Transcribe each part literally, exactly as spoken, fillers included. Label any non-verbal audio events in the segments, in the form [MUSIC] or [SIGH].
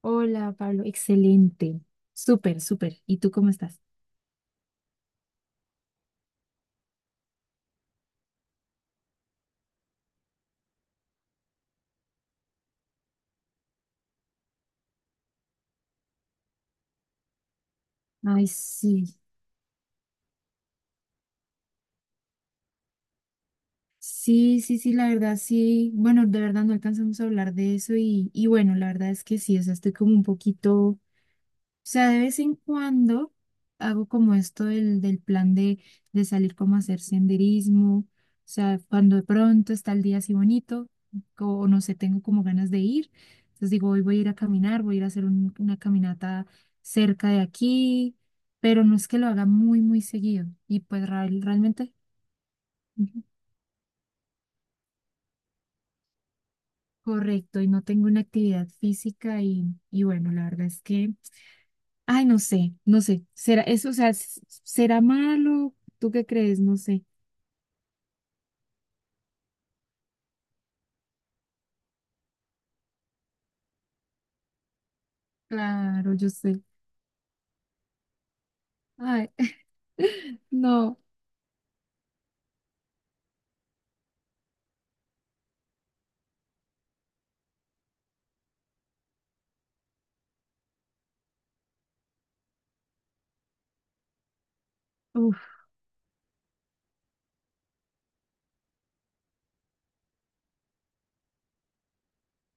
Hola, Pablo, excelente. Súper, súper. ¿Y tú cómo estás? Ay, sí. Sí, sí, sí, la verdad, sí. Bueno, de verdad no alcanzamos a hablar de eso y, y bueno, la verdad es que sí, o sea, estoy como un poquito. Sea, de vez en cuando hago como esto del, del plan de, de salir como a hacer senderismo, o sea, cuando de pronto está el día así bonito, o no sé, tengo como ganas de ir, entonces digo, hoy voy a ir a caminar, voy a ir a hacer un- una caminata cerca de aquí, pero no es que lo haga muy, muy seguido, y pues real- realmente. Ujú, correcto, y no tengo una actividad física, y, y bueno, la verdad es que. Ay, no sé, no sé. ¿Será eso, o sea, s- será malo? ¿Tú qué crees? No sé. Claro, yo sé. Ay, [LAUGHS] no. Uf,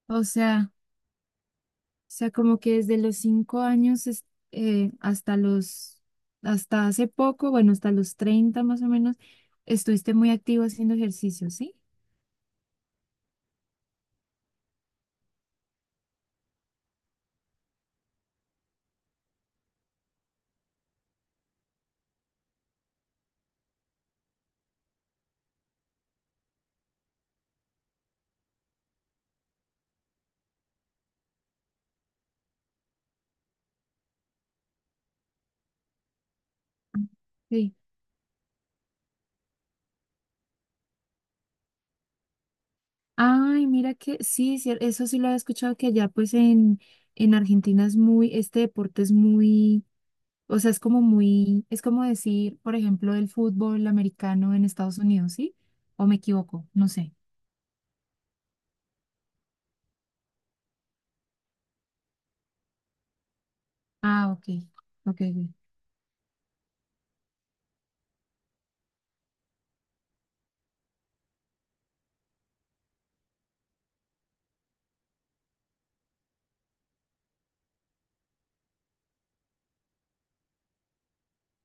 o sea, o sea, como que desde los cinco años es- eh, hasta los, hasta hace poco, bueno, hasta los treinta más o menos, estuviste muy activo haciendo ejercicio, ¿sí? Sí. Ay, mira que sí, sí, eso sí lo había escuchado que allá pues en, en Argentina es muy. Este deporte es muy. O sea, es como muy, es como decir, por ejemplo, el fútbol americano en Estados Unidos, ¿sí? ¿O me equivoco? No sé. Ah, ok, ok. Ok.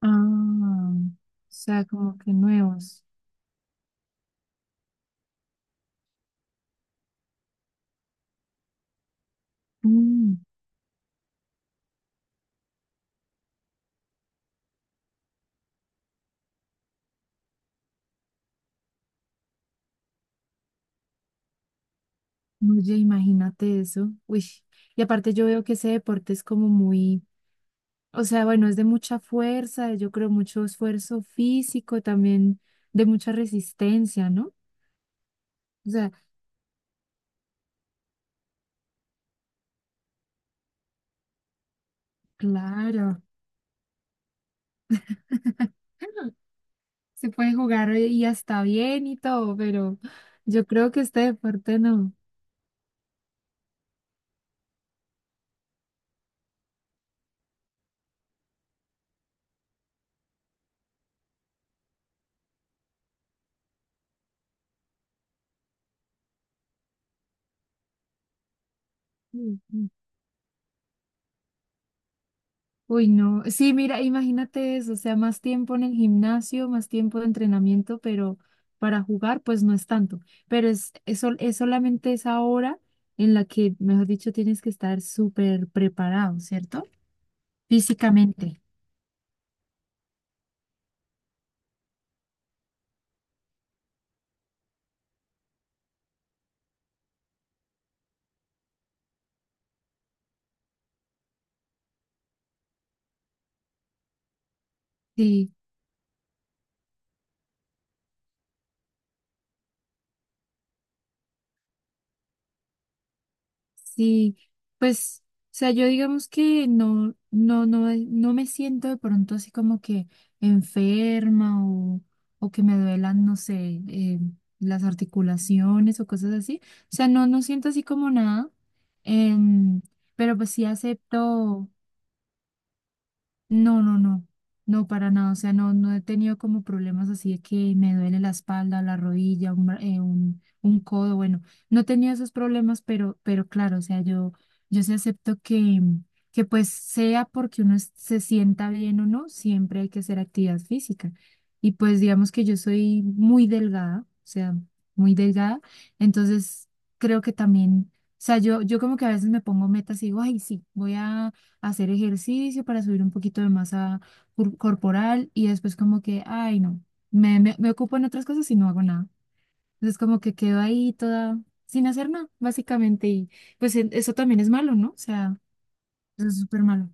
Ah, o sea, como que nuevos. Mm, oye, imagínate eso. Uy. Y aparte yo veo que ese deporte es como muy, o sea, bueno, es de mucha fuerza, yo creo, mucho esfuerzo físico, también de mucha resistencia, ¿no? O sea, claro, se puede jugar y hasta bien y todo, pero yo creo que este deporte no. Mm. Uy, no. Sí, mira, imagínate eso, o sea, más tiempo en el gimnasio, más tiempo de entrenamiento, pero para jugar, pues no es tanto. Pero es, es, sol- es solamente esa hora en la que, mejor dicho, tienes que estar súper preparado, ¿cierto? Físicamente. Sí. Sí, pues, o sea, yo digamos que no, no, no, no me siento de pronto así como que enferma, o, o que me duelan, no sé, eh, las articulaciones o cosas así. O sea, no, no siento así como nada, em, pero pues sí acepto. No, no, no, no, para nada. O sea, no, no he tenido como problemas así de que me duele la espalda, la rodilla, un, bra- eh, un, un codo. Bueno, no he tenido esos problemas, pero, pero claro, o sea, yo, yo sí acepto que, que pues sea porque uno es- se sienta bien o no, siempre hay que hacer actividad física. Y pues digamos que yo soy muy delgada, o sea, muy delgada. Entonces creo que también, o sea, yo, yo como que a veces me pongo metas y digo, ay, sí, voy a hacer ejercicio para subir un poquito de masa cor- corporal, y después como que, ay, no, me, me, me ocupo en otras cosas y no hago nada. Entonces como que quedo ahí toda sin hacer nada, básicamente. Y pues e- eso también es malo, ¿no? O sea, eso es súper malo.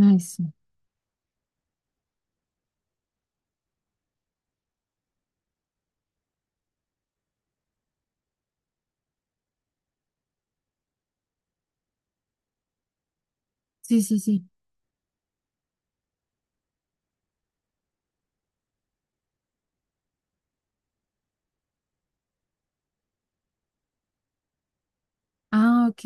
Ay, sí. Sí, sí, sí. Ah, ok.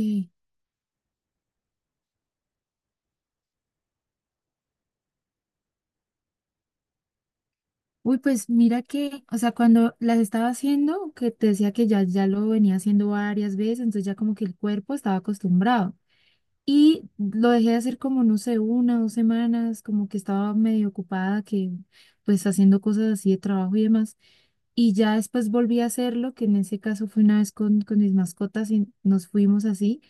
Uy, pues mira que, o sea, cuando las estaba haciendo, que te decía que ya, ya lo venía haciendo varias veces, entonces ya como que el cuerpo estaba acostumbrado. Y lo dejé de hacer como, no sé, una, dos semanas, como que estaba medio ocupada, que pues haciendo cosas así de trabajo y demás. Y ya después volví a hacerlo, que en ese caso fue una vez con, con mis mascotas y nos fuimos así.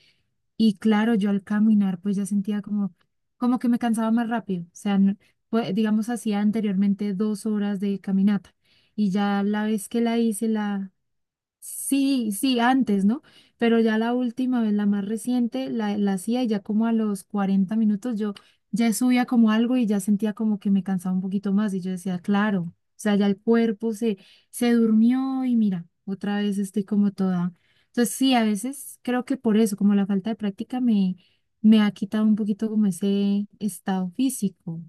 Y claro, yo al caminar pues ya sentía como, como que me cansaba más rápido. O sea, no- pues, digamos, hacía anteriormente dos horas de caminata. Y ya la vez que la hice, la. Sí, sí, antes, ¿no? Pero ya la última vez, la más reciente, la, la hacía y ya como a los cuarenta minutos yo ya subía como algo y ya sentía como que me cansaba un poquito más y yo decía, claro, o sea, ya el cuerpo se, se durmió y mira, otra vez estoy como toda. Entonces sí, a veces creo que por eso, como la falta de práctica me, me ha quitado un poquito como ese estado físico.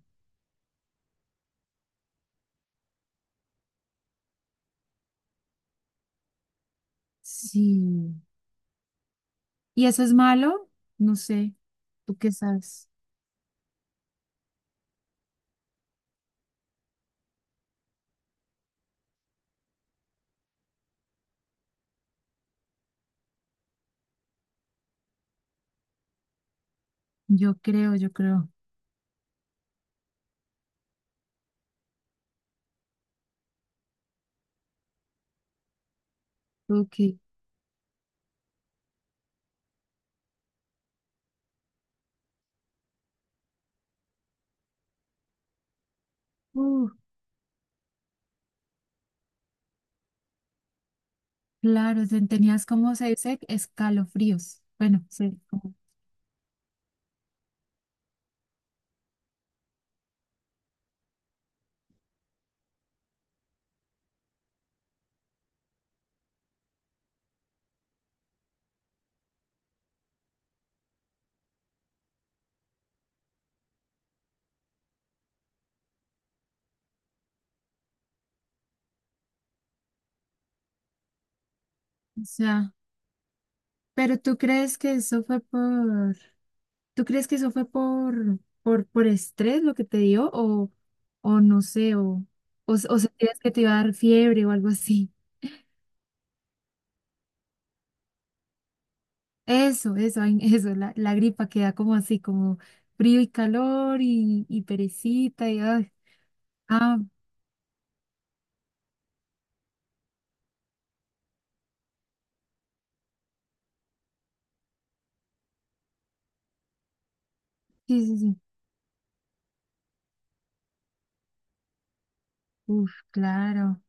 Sí. ¿Y eso es malo? No sé, ¿tú qué sabes? Yo creo, yo creo. Ok. Uh, claro, ten- tenías, como se dice, escalofríos. Bueno, sí. como- O sea, pero ¿tú crees que eso fue por, tú crees que eso fue por, por, por estrés lo que te dio, o, o no sé, o, o, o sentías que te iba a dar fiebre o algo así? Eso, eso, ay, [LAUGHS] eso, la, la gripa queda como así, como frío y calor y, y perecita y, ay, ah, sí, sí, sí. Uf, claro.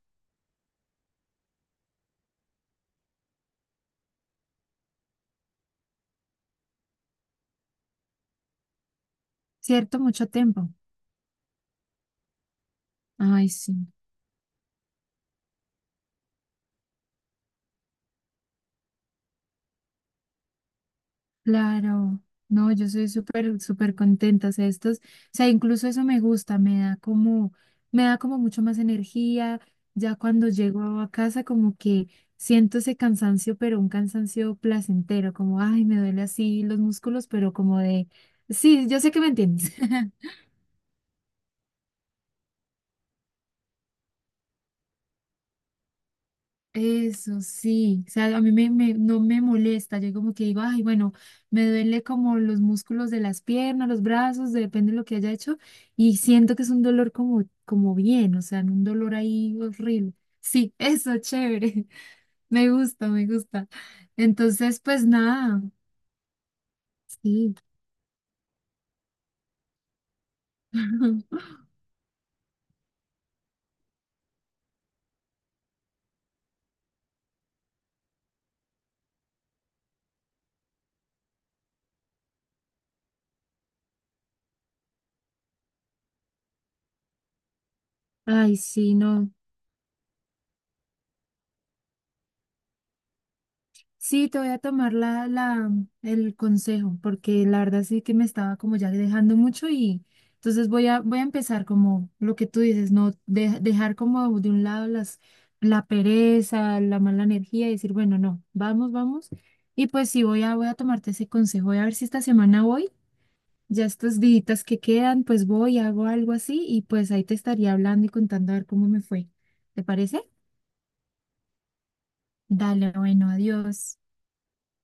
Cierto, mucho tiempo. Ay, sí. Claro, no, yo soy súper, súper contenta, o sea, estos, o sea, incluso eso me gusta, me da como, me da como mucho más energía, ya cuando llego a casa como que siento ese cansancio, pero un cansancio placentero, como, ay, me duele así los músculos, pero como de. Sí, yo sé que me entiendes. [LAUGHS] Eso sí, o sea, a mí me, me- no me molesta, yo como que digo, ay, bueno, me duele como los músculos de las piernas, los brazos, depende de lo que haya hecho, y siento que es un dolor como, como bien, o sea, no un dolor ahí horrible. Sí, eso, chévere, [LAUGHS] me gusta, me gusta. Entonces, pues nada, sí. [LAUGHS] Ay, sí, no. Sí, te voy a tomar la, la, el consejo, porque la verdad sí que me estaba como ya dejando mucho y entonces voy a, voy a, empezar como lo que tú dices, no de- dejar como de un lado las, la pereza, la mala energía y decir, bueno, no, vamos, vamos. Y pues sí, voy a, voy a tomarte ese consejo, voy a ver si esta semana voy, ya estos días que quedan, pues voy, hago algo así y pues ahí te estaría hablando y contando a ver cómo me fue. ¿Te parece? Dale, bueno, adiós.